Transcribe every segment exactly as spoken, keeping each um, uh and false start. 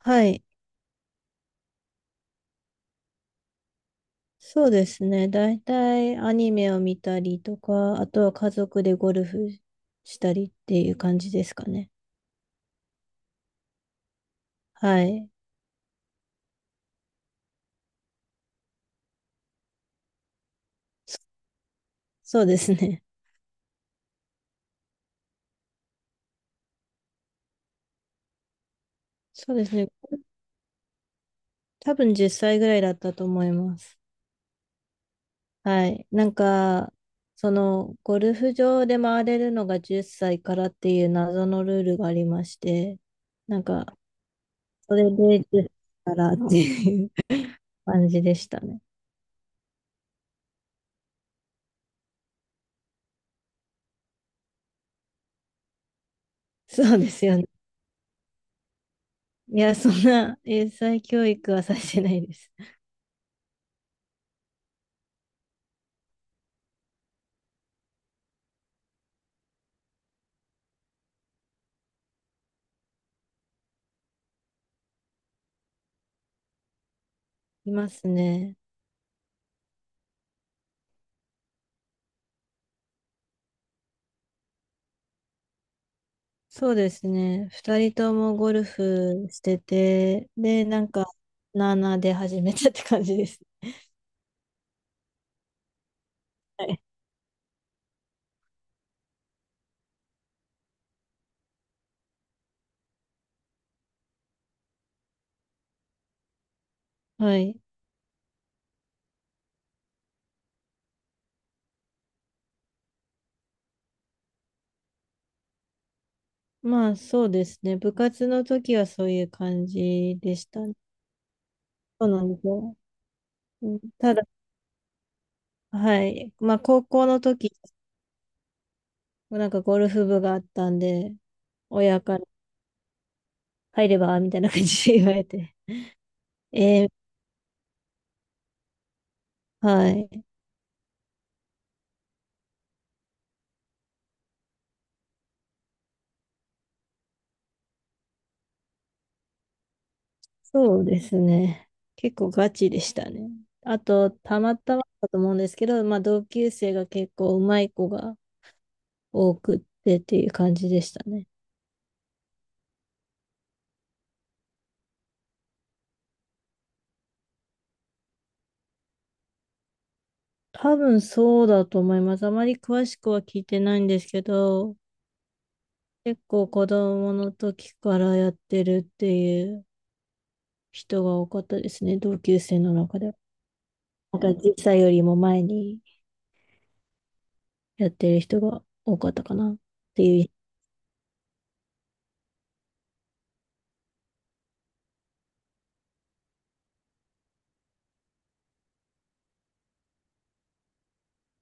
はい。そうですね。だいたいアニメを見たりとか、あとは家族でゴルフしたりっていう感じですかね。はい。そうですね。そうですね。多分じゅっさいぐらいだったと思います。はい。なんか、その、ゴルフ場で回れるのがじゅっさいからっていう謎のルールがありまして、なんか、それでじゅっさいからっていう 感じでしたね。そうですよね。いや、そんな英才教育はさせてないです。いますね。そうですね。ふたりともゴルフしてて、で、なんか、なあなあで始めたって感じですね。はい。はい。まあ、そうですね。部活の時はそういう感じでしたね。そうなんですよ。うん。ただ、はい。まあ、高校の時、なんかゴルフ部があったんで、親から入ればみたいな感じで言われて、ええ。はい。そうですね。結構ガチでしたね。あと、たまたまだと思うんですけど、まあ、同級生が結構うまい子が多くってっていう感じでしたね。多分そうだと思います。あまり詳しくは聞いてないんですけど、結構子供の時からやってるっていう人が多かったですね。同級生の中では。なんか実際よりも前にやってる人が多かったかなっていう。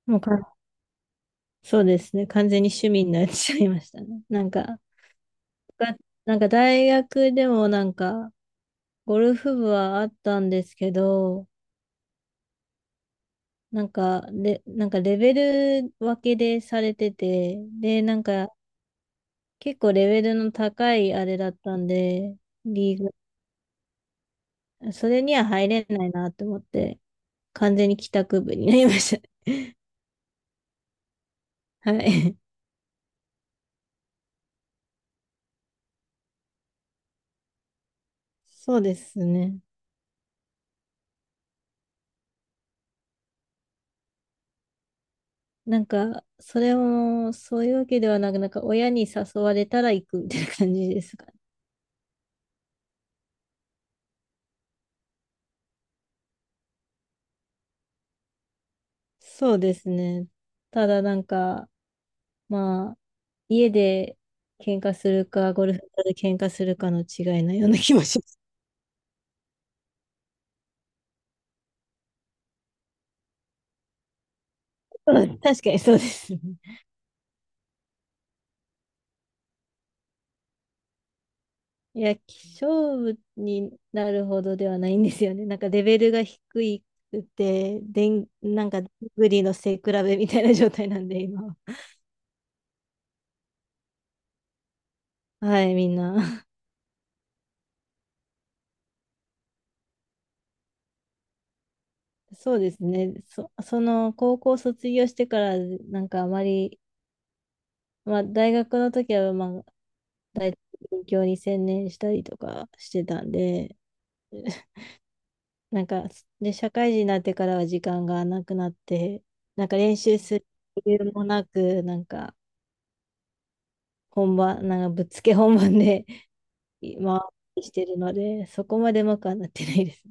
もうかそうですね。完全に趣味になっちゃいましたね。なんか、が、なんか大学でもなんか、ゴルフ部はあったんですけど、なんか、で、なんかレベル分けでされてて、で、なんか結構レベルの高いあれだったんで、リーグ、それには入れないなと思って、完全に帰宅部になりました。はい。そうですね。なんか、それも、そういうわけではなく、なんか親に誘われたら行くみたいな感じですかね。そうですね。ただなんか、まあ、家で喧嘩するか、ゴルフ場で喧嘩するかの違いのような気もします。確かにそうですね。いや、勝負になるほどではないんですよね。なんかレベルが低いくて、でん、なんか、グリの背比べみたいな状態なんで、今は。はい、みんな。そうですね。そ、その、高校卒業してから、なんかあまり、まあ、大学の時は、まあ、大勉強に専念したりとかしてたんで、なんか、で、社会人になってからは時間がなくなって、なんか練習する余裕もなく、なんか本番、なんかぶっつけ本番で 回ってしてるので、そこまでうまくはなってないです。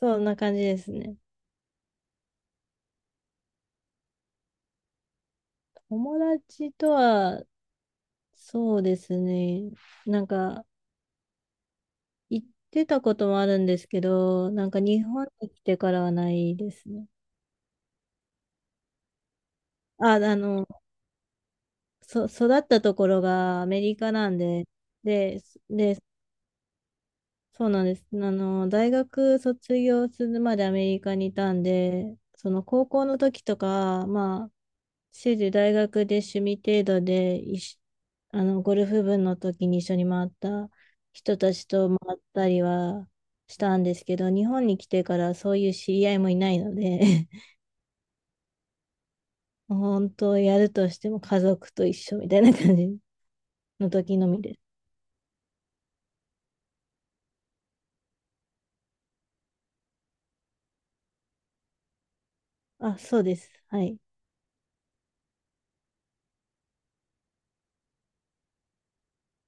そんな感じですね。友達とは、そうですね。なんか、行ってたこともあるんですけど、なんか日本に来てからはないですね。あ、あの、そ、育ったところがアメリカなんで、で、で、そうなんです。あの、大学卒業するまでアメリカにいたんで、その高校の時とか、まあ、主時大学で趣味程度で一緒、あの、ゴルフ部の時に一緒に回った人たちと回ったりはしたんですけど、日本に来てからそういう知り合いもいないので、本当やるとしても家族と一緒みたいな感じの時のみです。あ、そうです。はい。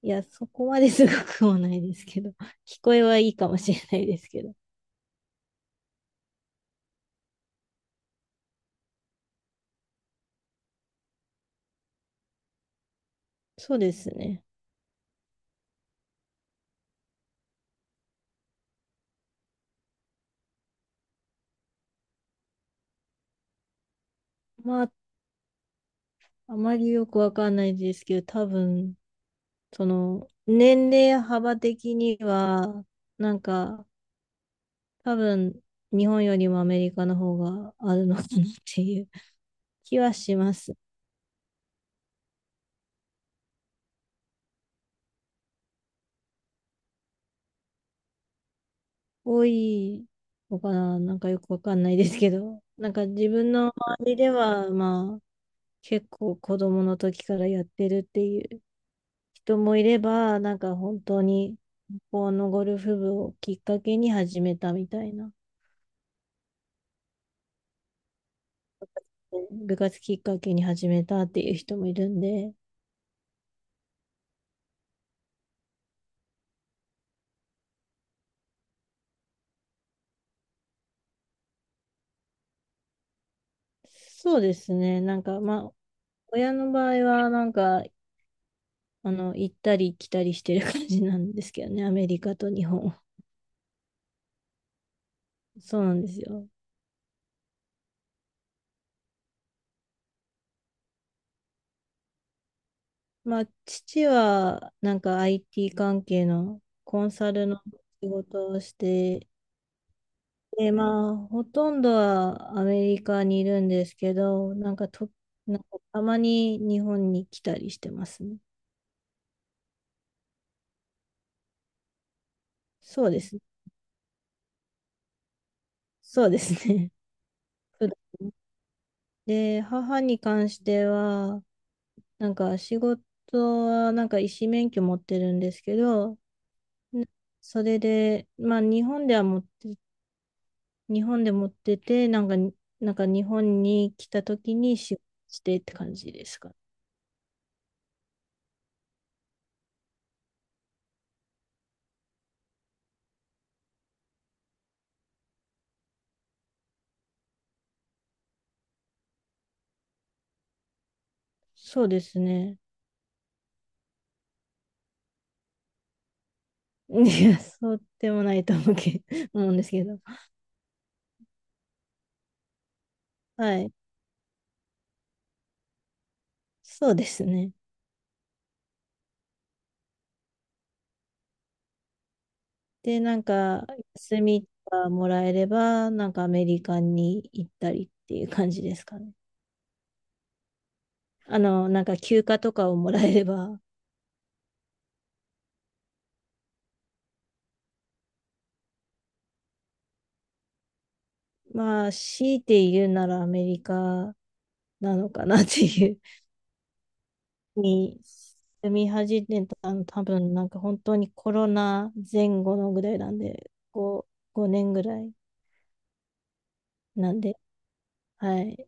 いや、そこまですごくもないですけど、聞こえはいいかもしれないですけど。そうですね。まあ、あまりよくわかんないですけど、多分、その、年齢幅的には、なんか、多分、日本よりもアメリカの方があるのかなっていう気はします。多いのかな。なんかよくわかんないですけど、なんか自分の周りでは、まあ、結構子供の時からやってるっていう人もいれば、なんか本当に、このゴルフ部をきっかけに始めたみたいな、部活きっかけに始めたっていう人もいるんで、そうですね、なんかまあ、親の場合は、なんか、あの、行ったり来たりしてる感じなんですけどね、アメリカと日本。そうなんですよ。まあ、父は、なんか アイティー 関係のコンサルの仕事をしてで、まあ、ほとんどはアメリカにいるんですけど、なんかと、なんかたまに日本に来たりしてますね。そうですね。そうですね。普段。で、母に関しては、なんか仕事はなんか医師免許持ってるんですけど、なそれで、まあ日本では持って、日本で持ってて、なんか、なんか日本に来た時に仕事してって感じですかね。そうですね。いや、そうでもないと思うけ、思うんですけど。はい。そうですね。で、なんか、休みがもらえれば、なんかアメリカに行ったりっていう感じですかね。あの、なんか休暇とかをもらえれば、まあ、強いて言うならアメリカなのかなっていうに、住み始めたの多分、なんか本当にコロナ前後のぐらいなんで、こう、ごねんぐらいなんで、はい。